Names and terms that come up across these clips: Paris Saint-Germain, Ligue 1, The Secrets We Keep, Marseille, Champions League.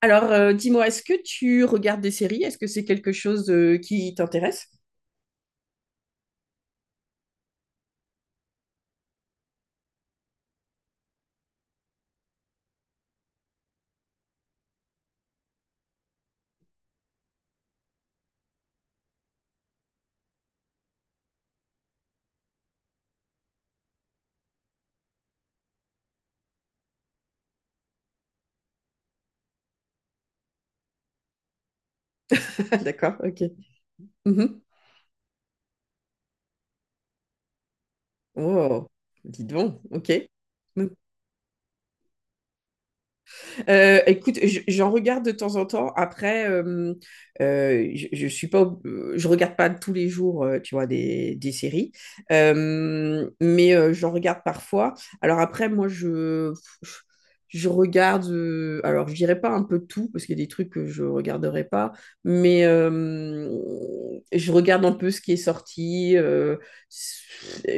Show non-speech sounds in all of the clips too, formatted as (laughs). Alors, dis-moi, est-ce que tu regardes des séries? Est-ce que c'est quelque chose qui t'intéresse? (laughs) D'accord, ok. Mhm. Oh, dis donc, ok. Écoute, j'en regarde de temps en temps. Après, je suis pas, je regarde pas tous les jours, tu vois, des séries. Mais j'en regarde parfois. Alors après, je regarde. Alors, je dirais pas un peu tout parce qu'il y a des trucs que je regarderai pas, mais je regarde un peu ce qui est sorti. euh,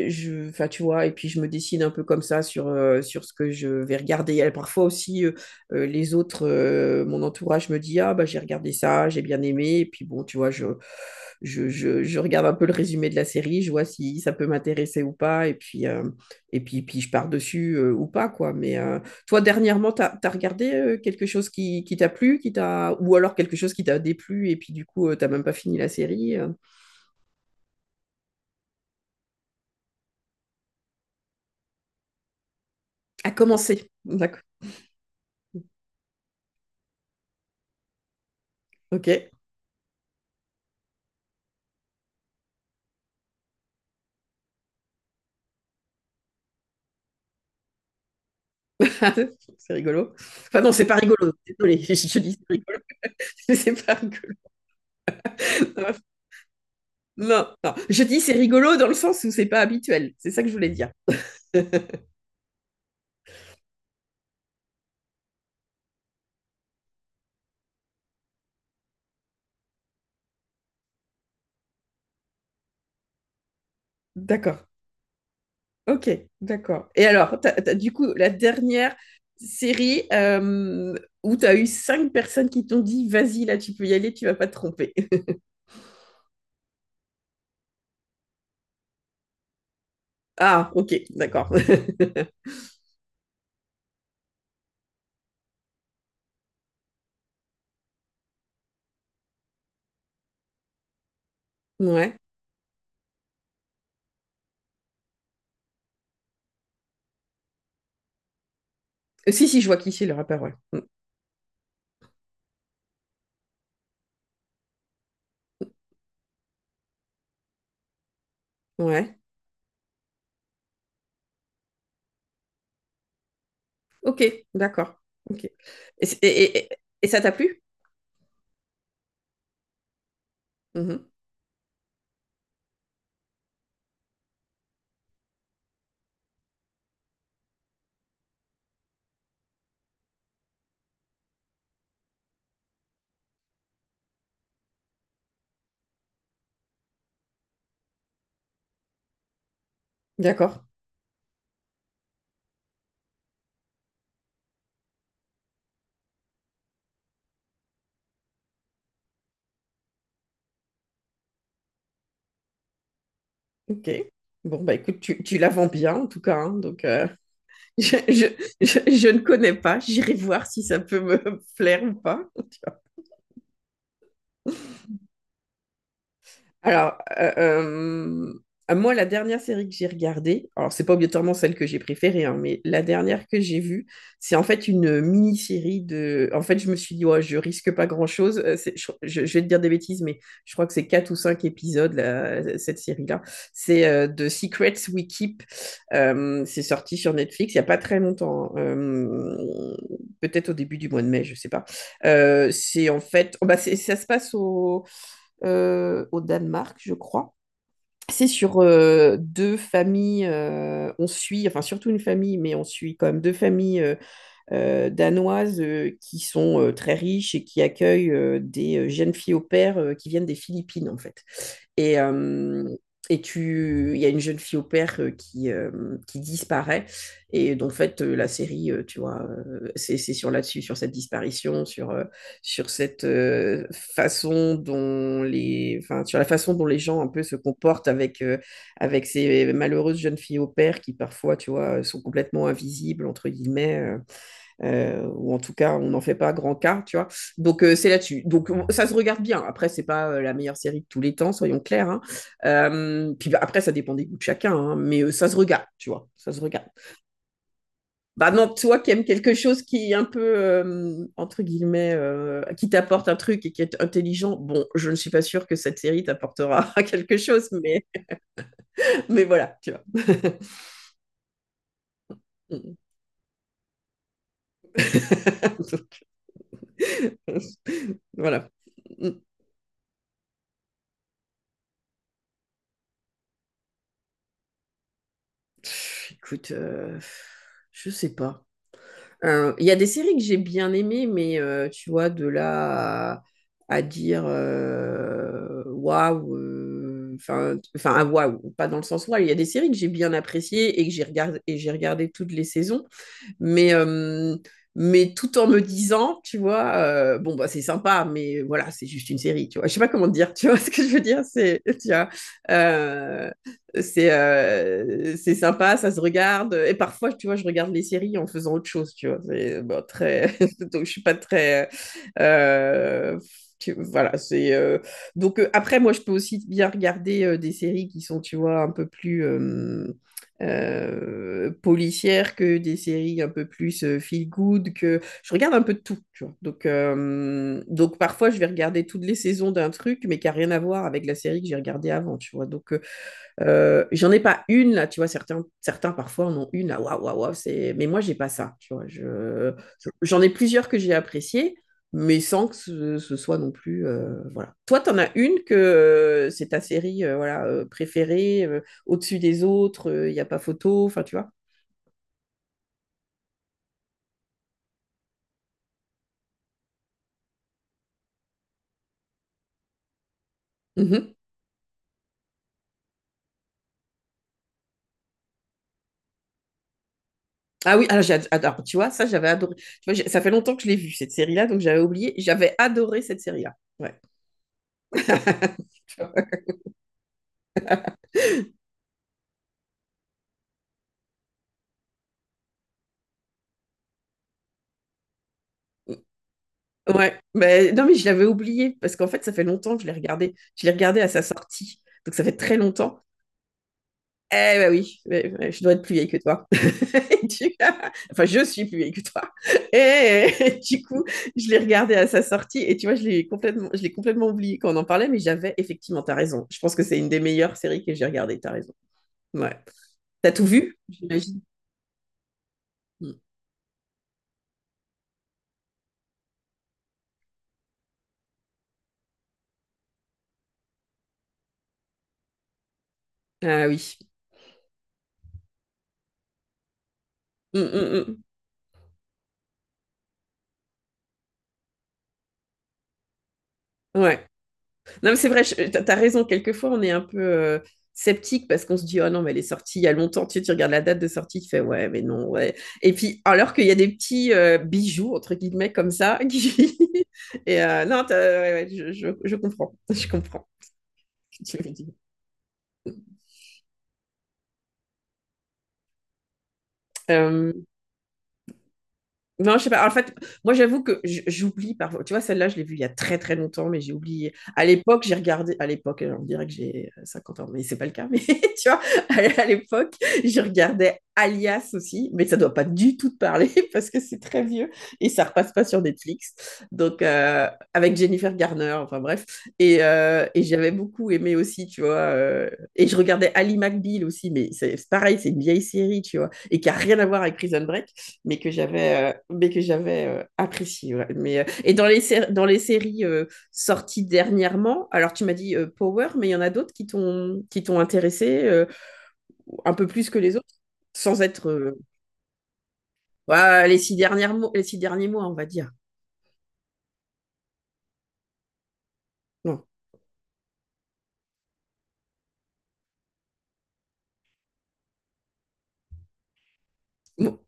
je, Enfin, tu vois, et puis je me décide un peu comme ça sur, sur ce que je vais regarder. Et parfois aussi, les autres, mon entourage me dit, ah bah j'ai regardé ça, j'ai bien aimé. Et puis bon, tu vois, je regarde un peu le résumé de la série, je vois si ça peut m'intéresser ou pas. Et puis, puis je pars dessus ou pas, quoi. Mais toi, dernièrement, t'as regardé quelque chose qui t'a plu, qui t'a... ou alors quelque chose qui t'a déplu, et puis du coup, tu t'as même pas fini la série. À commencer. D'accord. Ok. (laughs) C'est rigolo. Enfin non, c'est pas rigolo. Désolée, (laughs) je dis c'est rigolo. (laughs) mais c'est pas rigolo. (laughs) Non, non. Je dis c'est rigolo dans le sens où c'est pas habituel. C'est ça que je voulais dire. (laughs) D'accord. Ok, d'accord. Et alors, du coup, la dernière série où tu as eu 5 personnes qui t'ont dit, vas-y, là, tu peux y aller, tu vas pas te tromper. (laughs) Ah, ok, d'accord. (laughs) Ouais. Si, si, je vois qui c'est le rappeur, ouais. Mm. Ouais. Ok, d'accord. Ok. Et, et ça t'a plu? Mhm. D'accord. Ok. Bon, bah écoute, tu la vends bien, en tout cas, hein, donc... je, je, je ne connais pas. J'irai voir si ça peut me (laughs) plaire ou pas. Alors, moi, la dernière série que j'ai regardée, alors c'est pas obligatoirement celle que j'ai préférée, hein, mais la dernière que j'ai vue, c'est en fait une mini-série de. En fait, je me suis dit, ouais, je risque pas grand-chose. Je vais te dire des bêtises, mais je crois que c'est 4 ou 5 épisodes, là. Cette série-là. C'est The Secrets We Keep. C'est sorti sur Netflix il y a pas très longtemps, hein. Peut-être au début du mois de mai, je sais pas. C'est en fait. Oh, bah, c'est- ça se passe au au Danemark, je crois. C'est sur 2 familles, on suit, enfin surtout une famille, mais on suit quand même 2 familles danoises qui sont très riches et qui accueillent des jeunes filles au pair qui viennent des Philippines, en fait. Et, tu, il y a une jeune fille au pair qui qui disparaît. Et donc, en fait, la série, tu vois, c'est sur là-dessus, sur cette disparition, sur, sur cette façon dont les, enfin, sur la façon dont les gens un peu se comportent avec, avec ces malheureuses jeunes filles au pair qui parfois, tu vois, sont complètement invisibles, entre guillemets. Ou en tout cas, on n'en fait pas grand cas, tu vois. Donc, c'est là-dessus. Donc, on- ça se regarde bien. Après, c'est pas la meilleure série de tous les temps, soyons clairs. Hein. Puis bah, après, ça dépend des goûts de chacun, hein, mais ça se regarde, tu vois. Ça se regarde. Bah non, toi qui aimes quelque chose qui est un peu, entre guillemets, qui t'apporte un truc et qui est intelligent, bon, je ne suis pas sûre que cette série t'apportera (laughs) quelque chose, mais voilà, tu vois. (laughs) voilà. Mm. Écoute, je sais pas. Il y a des séries que j'ai bien aimées, mais tu vois, de là à dire waouh, enfin, ah, waouh, pas dans le sens waouh. Il y a des séries que j'ai bien appréciées et j'ai regardé toutes les saisons, mais, euh, mais tout en me disant, tu vois, bon, bah, c'est sympa, mais voilà, c'est juste une série, tu vois. Je sais pas comment te dire, tu vois (laughs) ce que je veux dire, c'est, tu vois, euh, c'est sympa, ça se regarde. Et parfois, tu vois, je regarde les séries en faisant autre chose, tu vois. C'est, bon, très... (laughs) Donc, je suis pas très... euh, Voilà, c'est... euh. Donc, après, moi, je peux aussi bien regarder des séries qui sont, tu vois, un peu plus... policières que des séries un peu plus feel good, que je regarde un peu de tout, tu vois. Donc donc parfois je vais regarder toutes les saisons d'un truc mais qui a rien à voir avec la série que j'ai regardée avant, tu vois, donc j'en ai pas une là, tu vois, certains, certains parfois en ont une là, waouh, waouh, waouh, c'est... Mais moi, j'ai pas ça, tu vois. Je... J'en ai plusieurs que j'ai appréciées, mais sans que ce soit non plus... voilà. Toi, t'en as une que c'est ta série préférée, au-dessus des autres, il n'y a pas photo, enfin, tu vois. Mhm. Ah oui, alors, tu vois, ça, j'avais adoré. Ça fait longtemps que je l'ai vue, cette série-là, donc j'avais oublié. J'avais adoré cette série-là. Ouais. (laughs) Ouais, mais non, mais je l'avais oublié parce qu'en fait, ça fait longtemps que je l'ai regardé. Je l'ai regardé à sa sortie, donc ça fait très longtemps. Eh ben oui, ouais, ouais, je dois être plus vieille que toi. (laughs) Et du- (laughs) Enfin, je suis plus vieille que toi. Et (laughs) du coup, je l'ai regardé à sa sortie et tu vois, je l'ai complètement oublié quand on en parlait, mais j'avais effectivement, t'as raison. Je pense que c'est une des meilleures séries que j'ai regardées, t'as raison. Ouais. T'as tout vu, j'imagine. Mm. Ah oui. Mm, mm, mm. Ouais. Non, mais c'est vrai, t'as raison. Quelquefois, on est un peu sceptique parce qu'on se dit, oh non, mais elle est sortie il y a longtemps. Tu sais, tu regardes la date de sortie, tu fais, ouais, mais non, ouais. Et puis, alors qu'il y a des petits bijoux, entre guillemets, comme ça, (laughs) qui... Et non, t'as- ouais, ouais, je comprends. (laughs) Je comprends. Ce que tu veux dire. Euh, Non, je sais pas. En fait, moi, j'avoue que j'oublie parfois. Tu vois, celle-là, je l'ai vue il y a très très longtemps, mais j'ai oublié. À l'époque, j'ai regardé. À l'époque, on dirait que j'ai 50 ans, mais c'est pas le cas. Mais (laughs) tu vois, à l'époque, je regardais Alias aussi, mais ça doit pas du tout te parler (laughs) parce que c'est très vieux et ça repasse pas sur Netflix. Donc, avec Jennifer Garner, enfin bref. Et j'avais beaucoup aimé aussi, tu vois. Et je regardais Ali McBeal aussi, mais c'est pareil, c'est une vieille série, tu vois, et qui a rien à voir avec Prison Break, mais que j'avais apprécié, ouais. Mais et dans les dans les séries sorties dernièrement, alors tu m'as dit Power, mais il y en a d'autres qui t'ont intéressé un peu plus que les autres sans être euh. Ouais, les 6 derniers mois, on va dire. Non. Bon,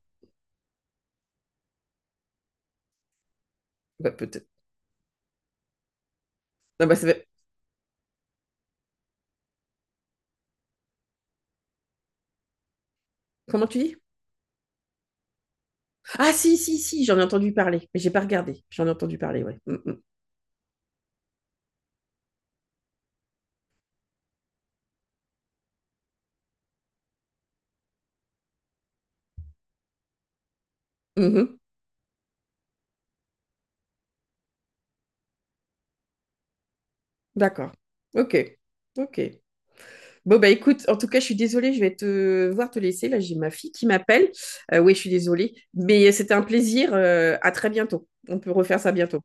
bah, peut-être. Non, bah, ça va- comment tu dis ah si si si j'en ai entendu parler, mais j'ai pas regardé, j'en ai entendu parler, ouais. Mm, mm. Mhm. D'accord. Ok. Ok. Bon, bah écoute, en tout cas, je suis désolée, je vais te voir te laisser. Là, j'ai ma fille qui m'appelle. Oui, je suis désolée, mais c'était un plaisir. À très bientôt. On peut refaire ça bientôt.